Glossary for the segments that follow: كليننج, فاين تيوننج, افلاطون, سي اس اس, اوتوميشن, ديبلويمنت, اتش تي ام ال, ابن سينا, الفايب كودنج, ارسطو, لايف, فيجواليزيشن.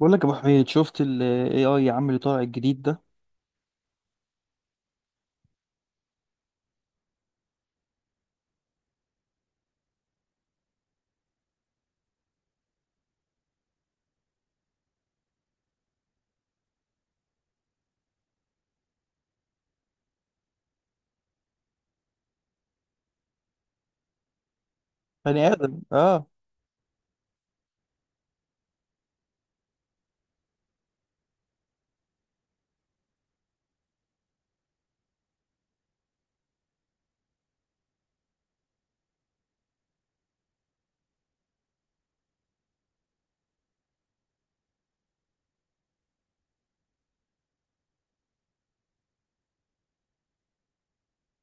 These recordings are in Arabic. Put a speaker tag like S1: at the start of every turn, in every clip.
S1: بقول لك يا ابو حميد، شفت الاي اي يا عم اللي طالع الجديد ده؟ بني ادم، اه.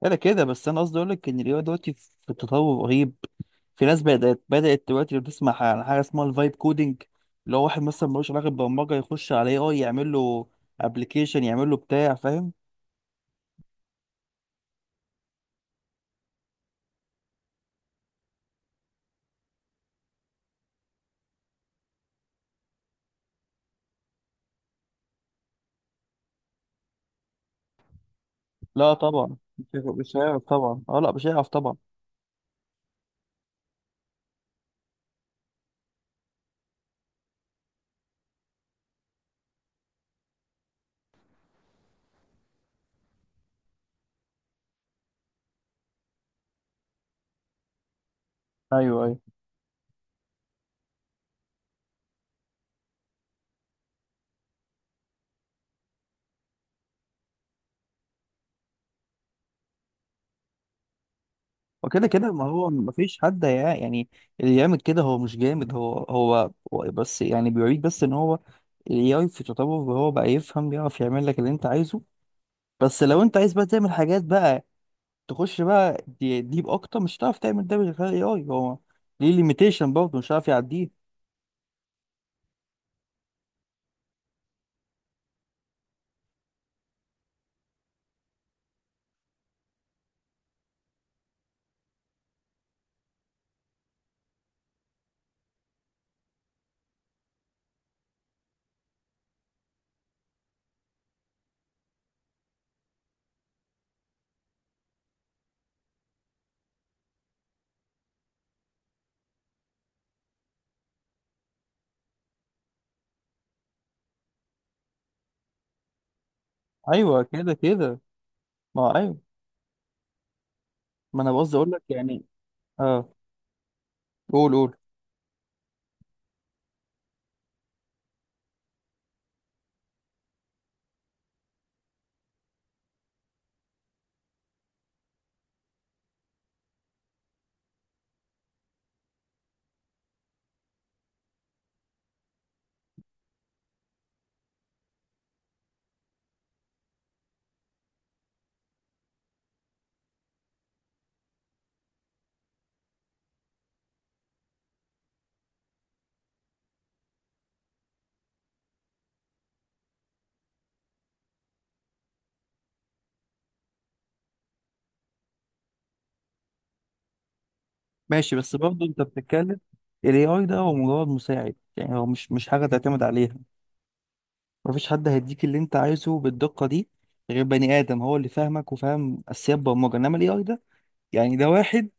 S1: انا كده، بس انا قصدي اقول لك ان الاي اي دلوقتي في تطور رهيب. في ناس بدات دلوقتي، لو تسمع عن حاجه اسمها الفايب كودنج، اللي هو واحد مثلا ملوش علاقه بالبرمجه يخش على اي اي يعمل له ابلكيشن، يعمل له بتاع، فاهم؟ لا طبعا مش هيعرف، مش هيعرف طبعا، اه لا مش هيعرف طبعا. ايوه ايوه. وكده كده ما هو مفيش حد يعني اللي يعمل كده هو مش جامد، هو بس بيوريك بس ان هو الاي في تطور، وهو بقى يفهم، بيعرف يعمل لك اللي انت عايزه. بس لو انت عايز بقى تعمل حاجات بقى تخش بقى ديب اكتر، مش هتعرف تعمل ده من غير الاي اي. هو ليه ليميتيشن برضه مش هتعرف يعديه. ايوه كده كده. ما هو ايوه، ما انا قصدي اقول لك اه. قول قول. ماشي، بس برضه انت بتتكلم. الاي اي ده هو مجرد مساعد، هو مش حاجه تعتمد عليها. مفيش حد هيديك اللي انت عايزه بالدقة دي غير بني آدم، هو اللي فاهمك وفاهم أساسيات برمجة، انما الاي اي ده ده واحد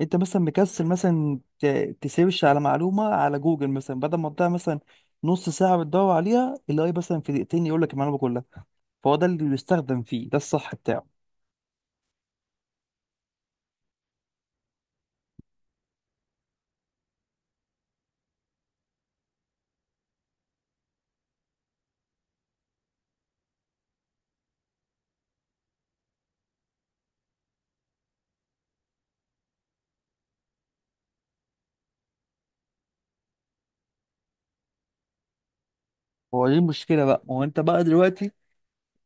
S1: انت مثلا مكسل مثلا تسيرش على معلومة على جوجل، مثلا بدل ما تضيع مثلا نص ساعة بتدور عليها، الاي مثلا في دقيقتين يقول لك المعلومة كلها. فهو ده اللي بيستخدم فيه، ده الصح بتاعه. هو دي المشكلة بقى، ما هو انت بقى دلوقتي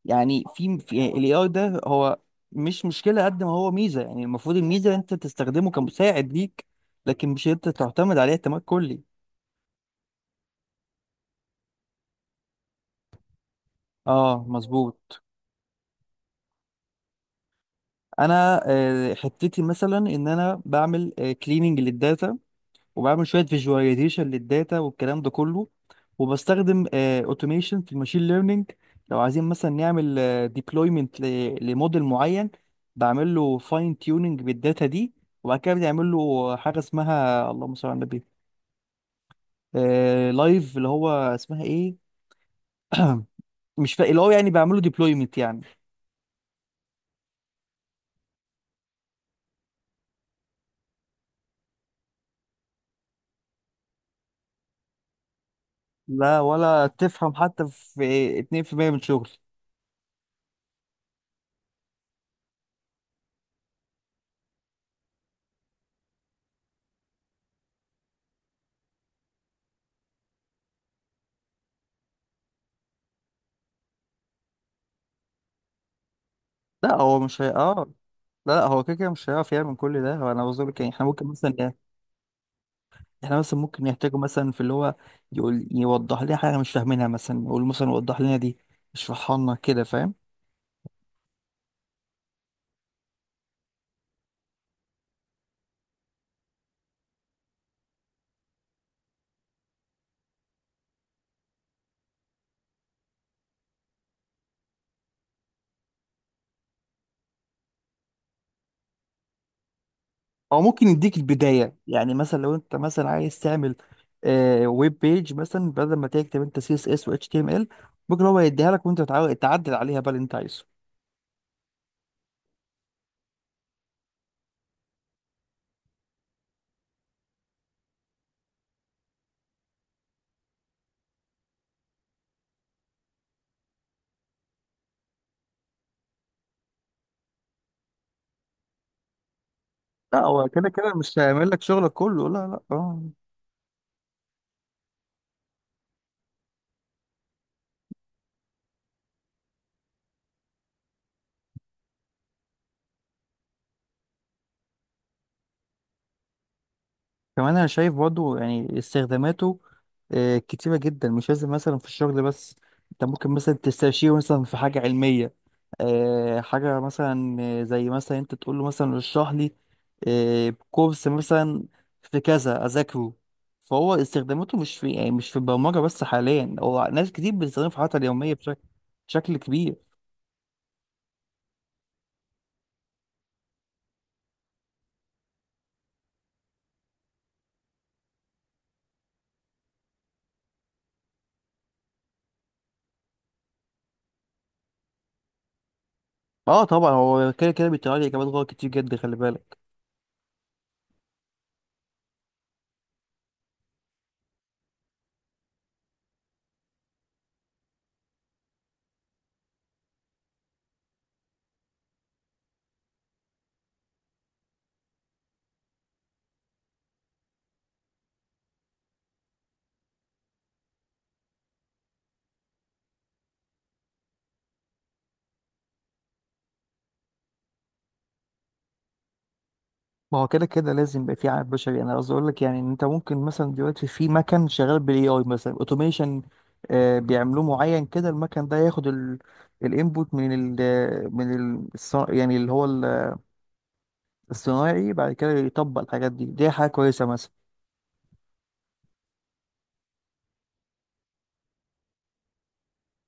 S1: في الاي اي ده هو مش مشكلة قد ما هو ميزة. المفروض الميزة انت تستخدمه كمساعد ليك، لكن مش انت تعتمد عليه اعتماد كلي. اه مظبوط. انا حتتي مثلا ان انا بعمل كليننج للداتا، وبعمل شويه فيجواليزيشن للداتا والكلام ده كله، وبستخدم اوتوميشن في الماشين ليرنينج. لو عايزين مثلا نعمل ديبلويمنت لموديل معين، بعمل له فاين تيوننج بالداتا دي، وبعد كده بنعمل له حاجه اسمها اللهم صل على النبي، لايف، اللي هو اسمها ايه؟ مش فاهم. اللي هو بعمله ديبلويمنت يعني. لا، ولا تفهم حتى في 2% من شغل. لا هو مش هي، اه. لا لا، هو كده كده مش هيعرف يعمل كل ده. هو انا بقول لك احنا ممكن مثلا احنا مثلا ممكن يحتاجوا مثلا في اللي هو يقول يوضح لنا حاجه مش فاهمينها، مثلا يقول مثلا وضح لنا دي، اشرحها لنا كده، فاهم؟ او ممكن يديك البدايه، يعني مثلا لو انت مثلا عايز تعمل ويب بيج مثلا، بدل ما تكتب انت سي اس اس و اتش تي ام ال، ممكن هو يديها لك وانت تعدل عليها بقى اللي انت عايزه. لا هو كده كده مش هيعمل لك شغلك كله، لا لا، اه. كمان انا شايف برضو استخداماته كتيرة جدا، مش لازم مثلا في الشغل بس. انت ممكن مثلا تستشيره مثلا في حاجة علمية، حاجة مثلا، زي مثلا انت تقول له مثلا اشرح لي كورس مثلا في كذا اذاكره. فهو استخداماته مش في مش في البرمجة بس حاليا. هو ناس كتير بتستخدمه في حياتها اليومية بشكل، بشكل كبير. اه طبعا هو كده كده بيطلع لي اجابات غلط كتير جدا، خلي بالك. ما هو كده كده لازم يبقى في عامل بشري. انا قصدي اقول لك ان انت ممكن مثلا دلوقتي في مكن شغال بالاي اي مثلا، اوتوميشن بيعملوه معين كده، المكن ده ياخد الانبوت من ال يعني اللي هو الصناعي، بعد كده يطبق الحاجات دي. دي حاجه كويسه مثلا.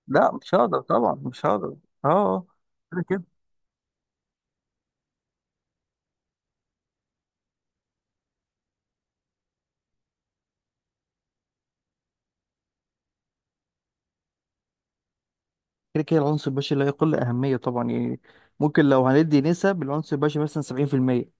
S1: لا مش هقدر طبعا، مش هقدر، اه آه. كده كده. كده كده العنصر البشري لا يقل اهميه طبعا، يعني ممكن لو هندي نسب العنصر البشري مثلا 70%.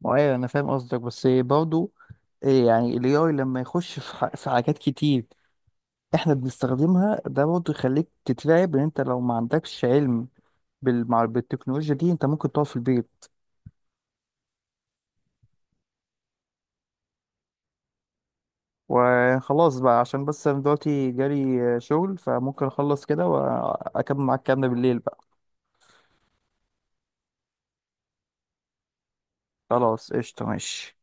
S1: ما هو ايوه، انا فاهم قصدك بس برضه إيه، يعني ال AI لما يخش في في حاجات كتير احنا بنستخدمها ده، برضه يخليك تترعب ان انت لو ما عندكش علم بالمع بالتكنولوجيا دي انت ممكن تقعد في البيت. وخلاص بقى، عشان بس انا دلوقتي جالي شغل، فممكن اخلص كده واكمل معاك كلامنا بالليل بقى. خلاص قشطة، ماشي.